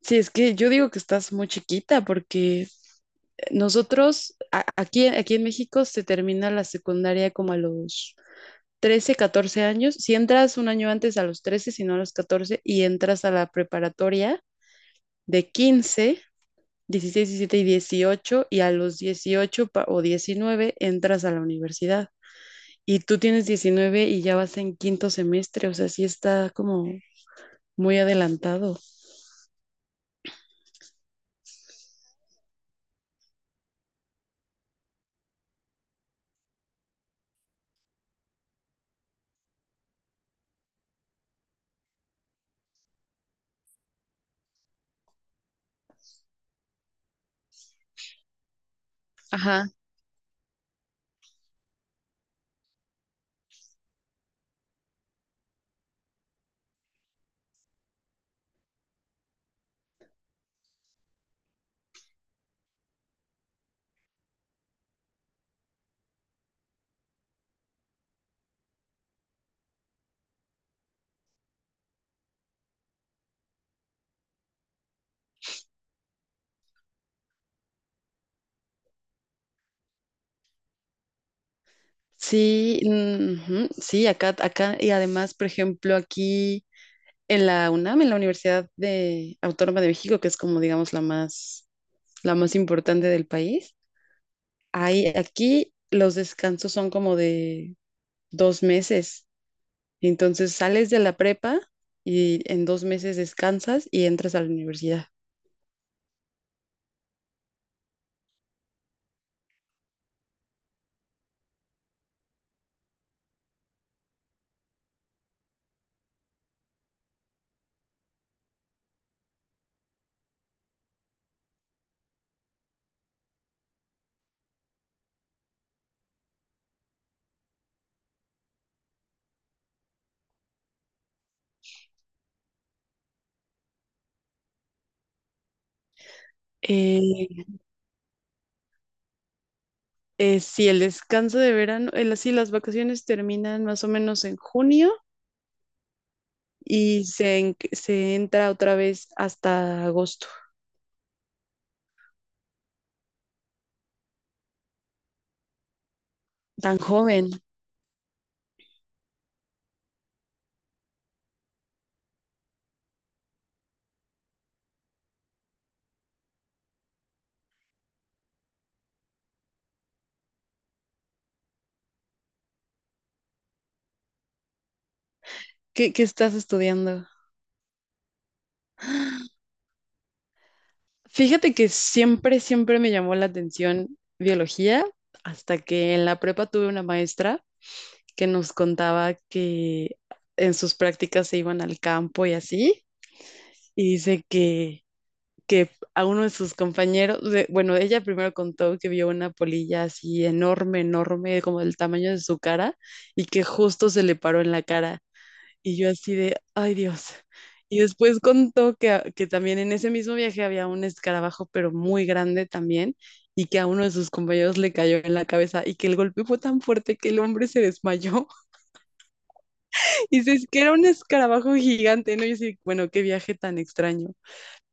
Sí, es que yo digo que estás muy chiquita porque nosotros aquí en México se termina la secundaria como a los 13, 14 años. Si entras un año antes a los 13, si no a los 14, y entras a la preparatoria de 15, 16, 17 y 18, y a los 18 o 19 entras a la universidad. Y tú tienes 19 y ya vas en quinto semestre, o sea, sí está como muy adelantado. Ajá. Sí, ujú, sí, acá, y además, por ejemplo, aquí en la UNAM, en la Universidad de Autónoma de México, que es como, digamos, la más importante del país. Aquí los descansos son como de 2 meses. Entonces sales de la prepa y en 2 meses descansas y entras a la universidad. Eh, sí, el descanso de verano, sí, las vacaciones terminan más o menos en junio y se entra otra vez hasta agosto. Tan joven. ¿Qué estás estudiando? Fíjate que siempre, siempre me llamó la atención biología, hasta que en la prepa tuve una maestra que nos contaba que en sus prácticas se iban al campo y así. Y dice que a uno de sus compañeros, bueno, ella primero contó que vio una polilla así enorme, enorme, como del tamaño de su cara, y que justo se le paró en la cara. Y yo así de: ay, Dios. Y después contó que, que también en ese mismo viaje había un escarabajo, pero muy grande también, y que a uno de sus compañeros le cayó en la cabeza y que el golpe fue tan fuerte que el hombre se desmayó. Y dices que era un escarabajo gigante, ¿no? Y yo así: bueno, qué viaje tan extraño.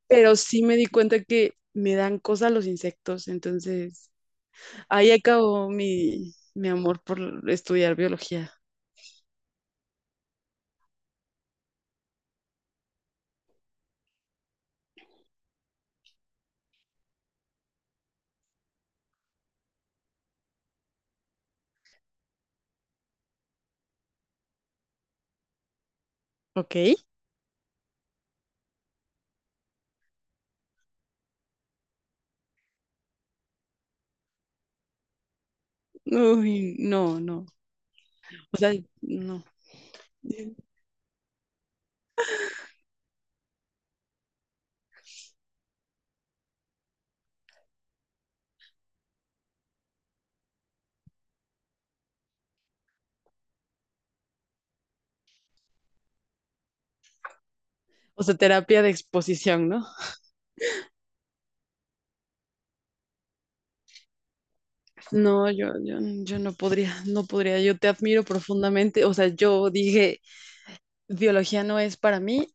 Pero sí me di cuenta que me dan cosa los insectos, entonces ahí acabó mi amor por estudiar biología. ¿Ok? Uy, no, no. O sea, no. O sea, terapia de exposición, ¿no? No, yo no podría, no podría. Yo te admiro profundamente. O sea, yo dije, biología no es para mí,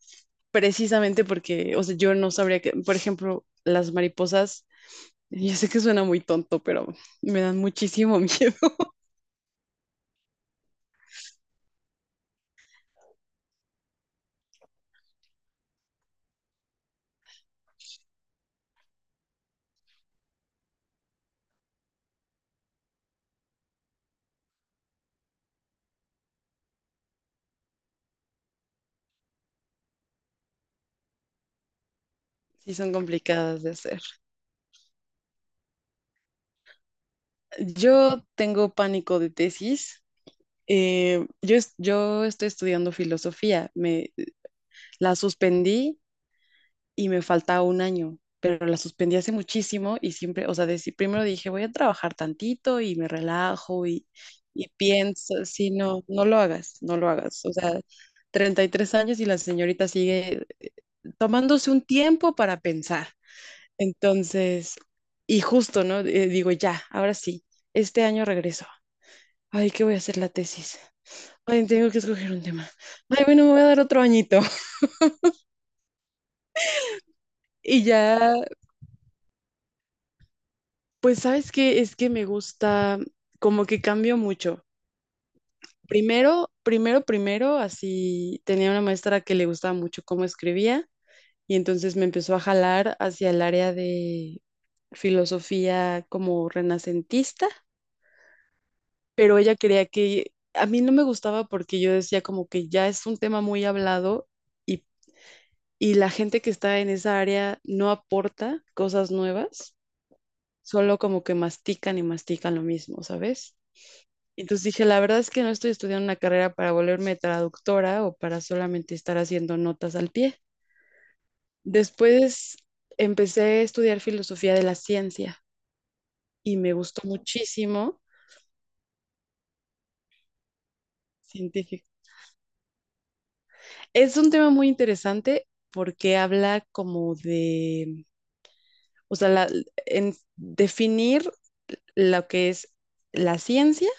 precisamente porque, o sea, yo no sabría que, por ejemplo, las mariposas, yo sé que suena muy tonto, pero me dan muchísimo miedo. Sí, son complicadas de hacer. Yo tengo pánico de tesis. Yo estoy estudiando filosofía. Me la suspendí y me falta un año, pero la suspendí hace muchísimo y siempre, o sea, primero dije: voy a trabajar tantito y me relajo, y pienso, sí, no, no lo hagas, no lo hagas. O sea, 33 años y la señorita sigue tomándose un tiempo para pensar. Entonces, y justo, ¿no? Digo, ya, ahora sí, este año regreso. Ay, ¿qué voy a hacer la tesis? Ay, tengo que escoger un tema. Ay, bueno, me voy a dar otro añito. Y ya. Pues sabes que es que me gusta, como que cambio mucho. Primero, así tenía una maestra que le gustaba mucho cómo escribía, y entonces me empezó a jalar hacia el área de filosofía como renacentista, pero ella quería que, a mí no me gustaba porque yo decía como que ya es un tema muy hablado, y, y la gente que está en esa área no aporta cosas nuevas, solo como que mastican y mastican lo mismo, ¿sabes? Entonces dije, la verdad es que no estoy estudiando una carrera para volverme traductora o para solamente estar haciendo notas al pie. Después empecé a estudiar filosofía de la ciencia y me gustó muchísimo. Científico. Es un tema muy interesante porque habla como de, o sea, en definir lo que es la ciencia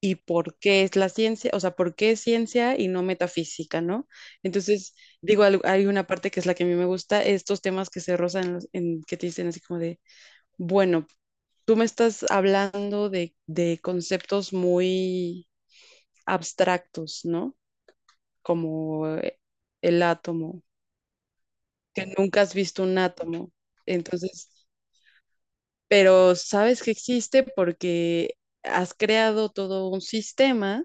y por qué es la ciencia, o sea, por qué es ciencia y no metafísica, ¿no? Entonces, digo, hay una parte que es la que a mí me gusta, estos temas que se rozan, que te dicen así como de: bueno, tú me estás hablando de conceptos muy abstractos, ¿no? Como el átomo, que nunca has visto un átomo. Entonces, pero sabes que existe porque has creado todo un sistema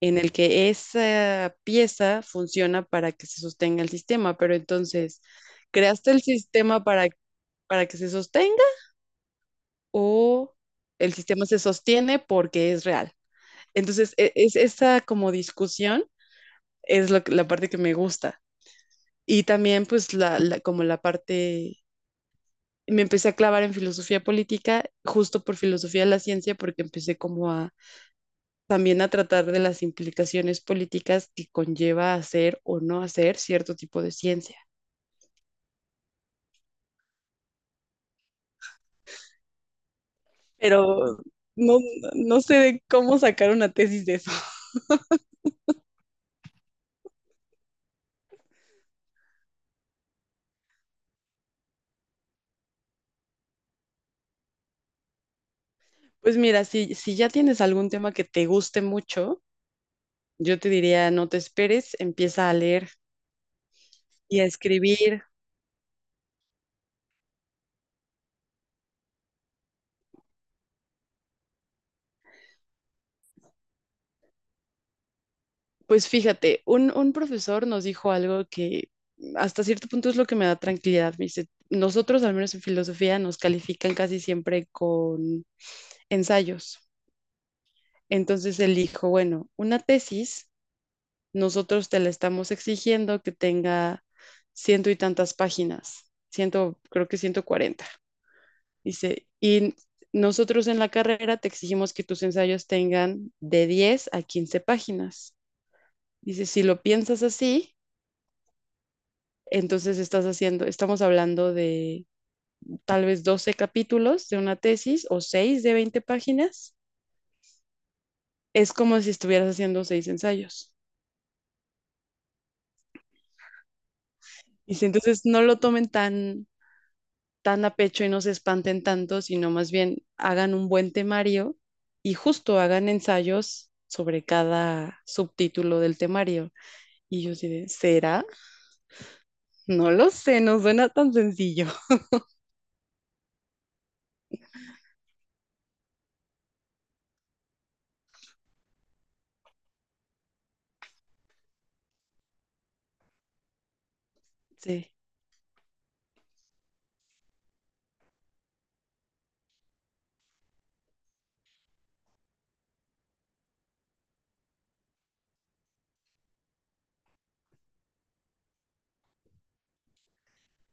en el que esa pieza funciona para que se sostenga el sistema, pero entonces, ¿creaste el sistema para que se sostenga, o el sistema se sostiene porque es real? Entonces, esa como discusión es la parte que me gusta. Y también, pues, como la parte, me empecé a clavar en filosofía política, justo por filosofía de la ciencia, porque empecé como también a tratar de las implicaciones políticas que conlleva hacer o no hacer cierto tipo de ciencia. Pero no, no sé de cómo sacar una tesis de eso. Pues mira, si ya tienes algún tema que te guste mucho, yo te diría, no te esperes, empieza a leer y a escribir. Pues fíjate, un profesor nos dijo algo que hasta cierto punto es lo que me da tranquilidad. Me dice, nosotros, al menos en filosofía, nos califican casi siempre con ensayos. Entonces él dijo, bueno, una tesis, nosotros te la estamos exigiendo que tenga ciento y tantas páginas, ciento, creo que 140. Dice, y nosotros en la carrera te exigimos que tus ensayos tengan de 10 a 15 páginas. Dice, si lo piensas así, entonces estás haciendo, estamos hablando de tal vez 12 capítulos de una tesis o 6 de 20 páginas. Es como si estuvieras haciendo 6 ensayos. Dice, entonces no lo tomen tan tan a pecho y no se espanten tanto, sino más bien hagan un buen temario y justo hagan ensayos sobre cada subtítulo del temario. Y yo diré, ¿será? No lo sé, no suena tan sencillo. Sí.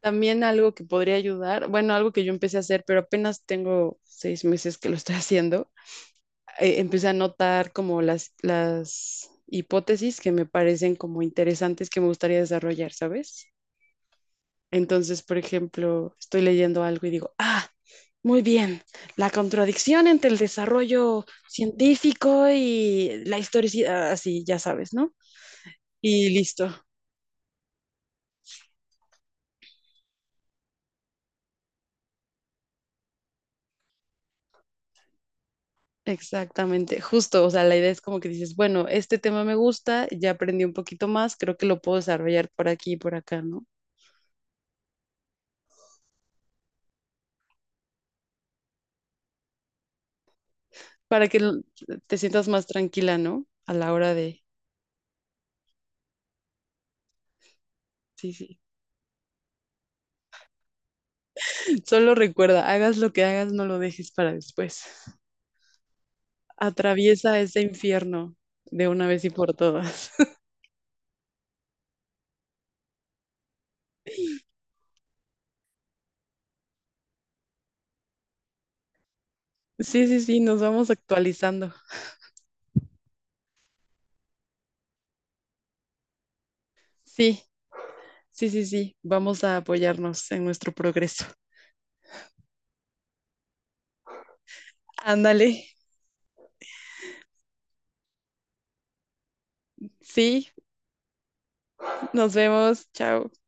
También algo que podría ayudar, bueno, algo que yo empecé a hacer, pero apenas tengo 6 meses que lo estoy haciendo, empecé a notar como las hipótesis que me parecen como interesantes que me gustaría desarrollar, ¿sabes? Entonces, por ejemplo, estoy leyendo algo y digo: ah, muy bien, la contradicción entre el desarrollo científico y la historicidad, así, ya sabes, ¿no? Y listo, exactamente, justo, o sea, la idea es como que dices, bueno, este tema me gusta, ya aprendí un poquito más, creo que lo puedo desarrollar por aquí y por acá, ¿no? Para que te sientas más tranquila, ¿no? A la hora de... Sí, sí. Solo recuerda, hagas lo que hagas, no lo dejes para después. Atraviesa ese infierno de una vez y por todas. Sí, sí, sí, nos vamos actualizando. Sí, sí, sí, sí, vamos a apoyarnos en nuestro progreso. Ándale. Sí, nos vemos. Chao.